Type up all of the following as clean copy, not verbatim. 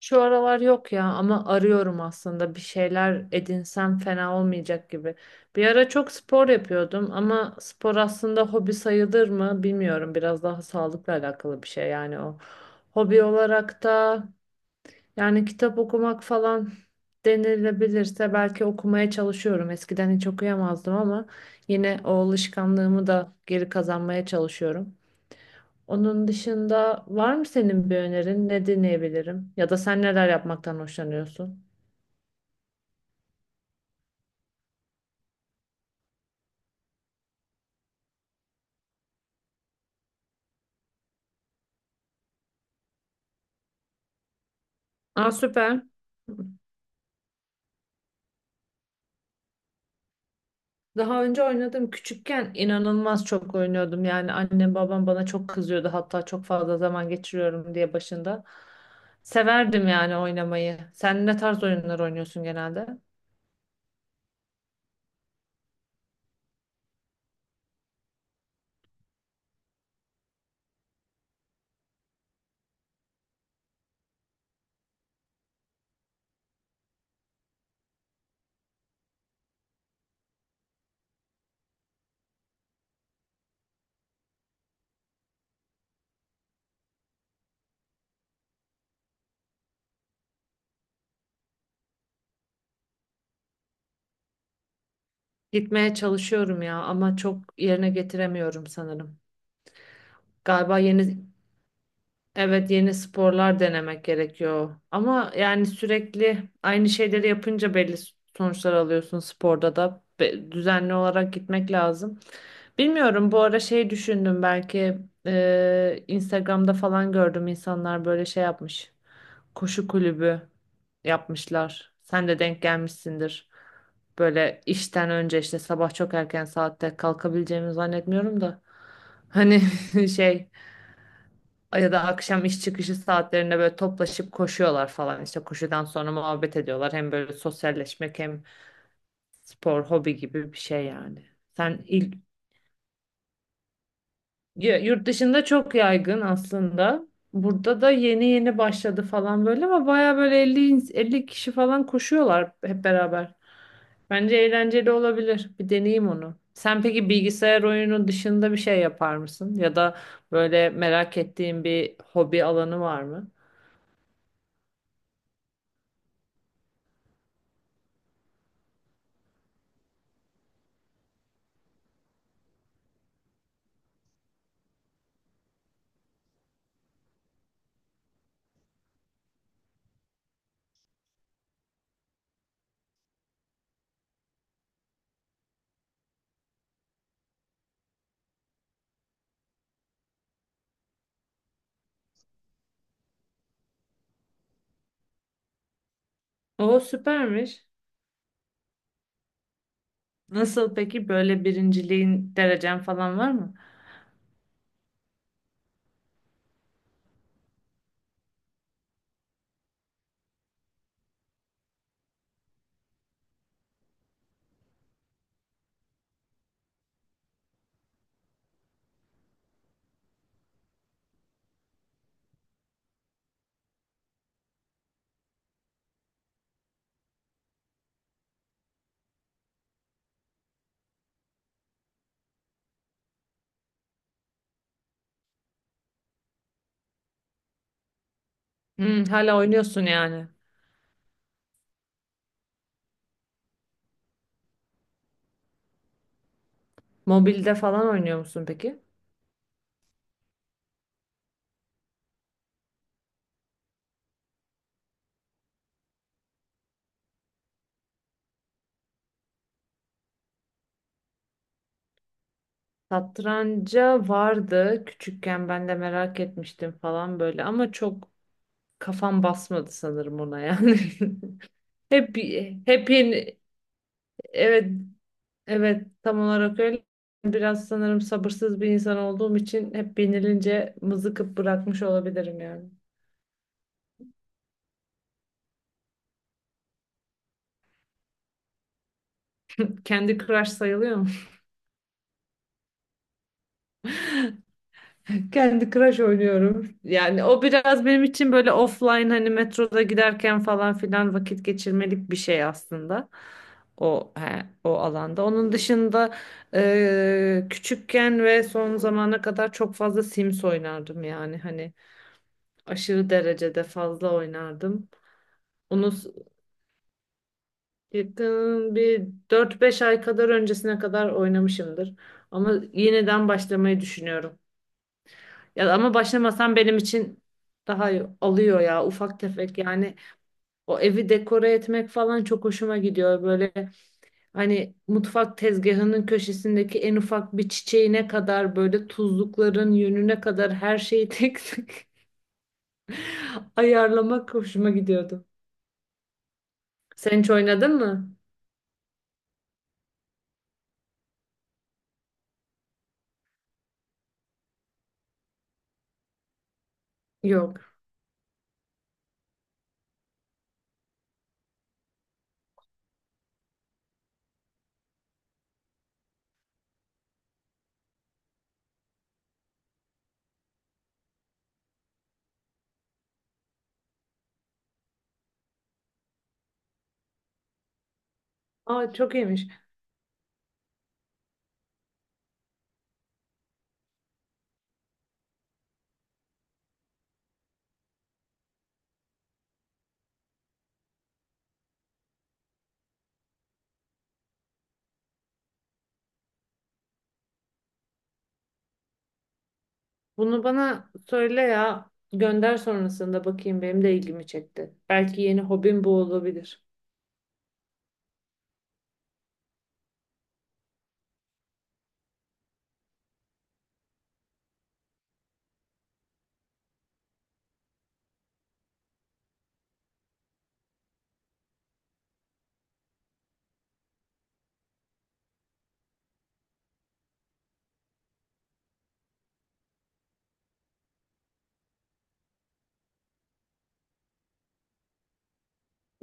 Şu aralar yok ya ama arıyorum aslında bir şeyler edinsem fena olmayacak gibi. Bir ara çok spor yapıyordum ama spor aslında hobi sayılır mı bilmiyorum. Biraz daha sağlıkla alakalı bir şey yani o. Hobi olarak da yani kitap okumak falan denilebilirse belki okumaya çalışıyorum. Eskiden hiç okuyamazdım ama yine o alışkanlığımı da geri kazanmaya çalışıyorum. Onun dışında var mı senin bir önerin? Ne dinleyebilirim? Ya da sen neler yapmaktan hoşlanıyorsun? Aa, süper. Daha önce oynadım. Küçükken inanılmaz çok oynuyordum. Yani annem babam bana çok kızıyordu. Hatta çok fazla zaman geçiriyorum diye başında. Severdim yani oynamayı. Sen ne tarz oyunlar oynuyorsun genelde? Gitmeye çalışıyorum ya ama çok yerine getiremiyorum sanırım. Galiba yeni. Evet, yeni sporlar denemek gerekiyor. Ama yani sürekli aynı şeyleri yapınca belli sonuçlar alıyorsun sporda da. Düzenli olarak gitmek lazım. Bilmiyorum, bu ara şey düşündüm, belki Instagram'da falan gördüm insanlar böyle şey yapmış. Koşu kulübü yapmışlar. Sen de denk gelmişsindir. Böyle işten önce işte sabah çok erken saatte kalkabileceğimi zannetmiyorum da. Hani şey, ya da akşam iş çıkışı saatlerinde böyle toplaşıp koşuyorlar falan, işte koşudan sonra muhabbet ediyorlar, hem böyle sosyalleşmek hem spor, hobi gibi bir şey yani. Sen il, Yurt dışında çok yaygın aslında. Burada da yeni yeni başladı falan böyle ama baya böyle 50 kişi falan koşuyorlar hep beraber. Bence eğlenceli olabilir. Bir deneyeyim onu. Sen peki bilgisayar oyunu dışında bir şey yapar mısın? Ya da böyle merak ettiğin bir hobi alanı var mı? O süpermiş. Nasıl peki, böyle birinciliğin, derecen falan var mı? Hmm, hala oynuyorsun yani. Mobilde falan oynuyor musun peki? Satranca vardı, küçükken ben de merak etmiştim falan böyle ama çok kafam basmadı sanırım ona yani. Hep hep yeni Evet, evet, tam olarak öyle. Biraz sanırım sabırsız bir insan olduğum için hep yenilince mızıkıp bırakmış olabilirim yani. Kendi crush sayılıyor mu? Kendi Crash oynuyorum. Yani o biraz benim için böyle offline, hani metroda giderken falan filan vakit geçirmelik bir şey aslında. O alanda. Onun dışında küçükken ve son zamana kadar çok fazla Sims oynardım, yani hani aşırı derecede fazla oynardım. Onu s- Yakın bir dört beş ay kadar öncesine kadar oynamışımdır. Ama yeniden başlamayı düşünüyorum. Ya ama başlamasam benim için daha iyi. Alıyor ya ufak tefek yani. O evi dekore etmek falan çok hoşuma gidiyor, böyle hani mutfak tezgahının köşesindeki en ufak bir çiçeğine kadar, böyle tuzlukların yönüne kadar her şeyi tek tek ayarlamak hoşuma gidiyordu. Sen hiç oynadın mı? Yok. Aa, çok iyiymiş. Bunu bana söyle ya, gönder sonrasında bakayım, benim de ilgimi çekti. Belki yeni hobim bu olabilir.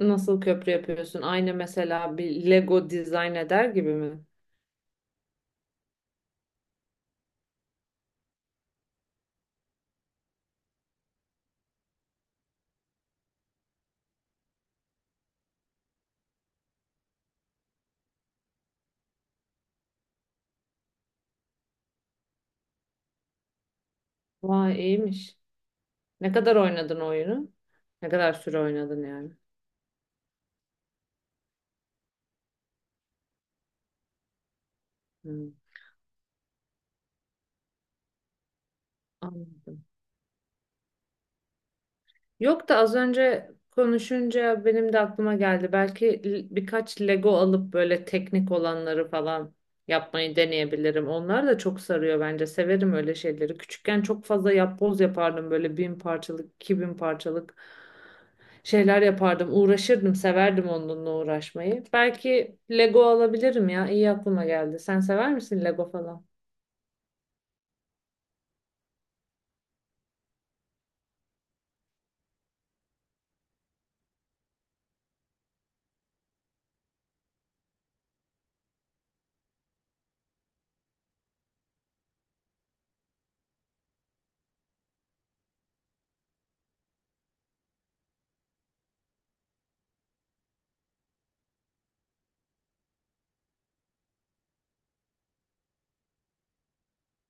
Nasıl köprü yapıyorsun? Aynı mesela bir Lego dizayn eder gibi mi? Vay, iyiymiş. Ne kadar oynadın oyunu? Ne kadar süre oynadın yani? Hmm, anladım. Yok da az önce konuşunca benim de aklıma geldi. Belki birkaç Lego alıp böyle teknik olanları falan yapmayı deneyebilirim. Onlar da çok sarıyor bence. Severim öyle şeyleri. Küçükken çok fazla yapboz yapardım, böyle bin parçalık, iki bin parçalık şeyler yapardım. Uğraşırdım, severdim onunla uğraşmayı. Belki Lego alabilirim ya. İyi aklıma geldi. Sen sever misin Lego falan?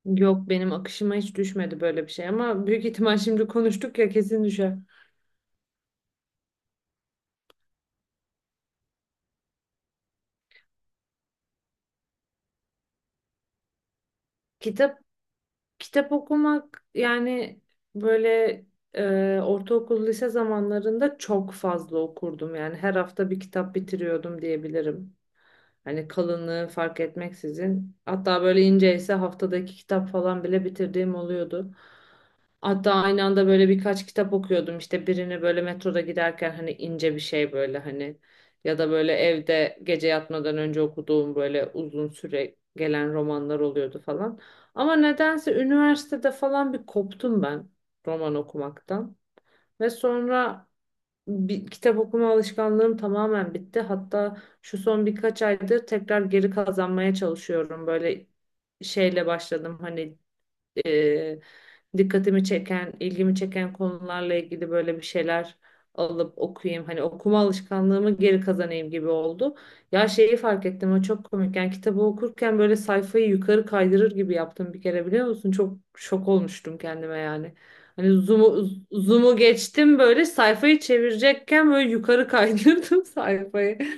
Yok, benim akışıma hiç düşmedi böyle bir şey ama büyük ihtimal şimdi konuştuk ya, kesin düşer. Kitap Kitap okumak yani, böyle ortaokul lise zamanlarında çok fazla okurdum. Yani her hafta bir kitap bitiriyordum diyebilirim. Hani kalınlığı fark etmeksizin. Hatta böyle ince ise haftadaki kitap falan bile bitirdiğim oluyordu. Hatta aynı anda böyle birkaç kitap okuyordum. İşte birini böyle metroda giderken hani ince bir şey, böyle hani, ya da böyle evde gece yatmadan önce okuduğum böyle uzun süre gelen romanlar oluyordu falan. Ama nedense üniversitede falan bir koptum ben roman okumaktan. Ve sonra bir kitap okuma alışkanlığım tamamen bitti. Hatta şu son birkaç aydır tekrar geri kazanmaya çalışıyorum. Böyle şeyle başladım hani, e, dikkatimi çeken, ilgimi çeken konularla ilgili böyle bir şeyler alıp okuyayım, hani okuma alışkanlığımı geri kazanayım gibi oldu. Ya şeyi fark ettim, o çok komik. Yani kitabı okurken böyle sayfayı yukarı kaydırır gibi yaptım bir kere, biliyor musun? Çok şok olmuştum kendime yani. Hani zoom'u, geçtim, böyle sayfayı çevirecekken böyle yukarı kaydırdım sayfayı.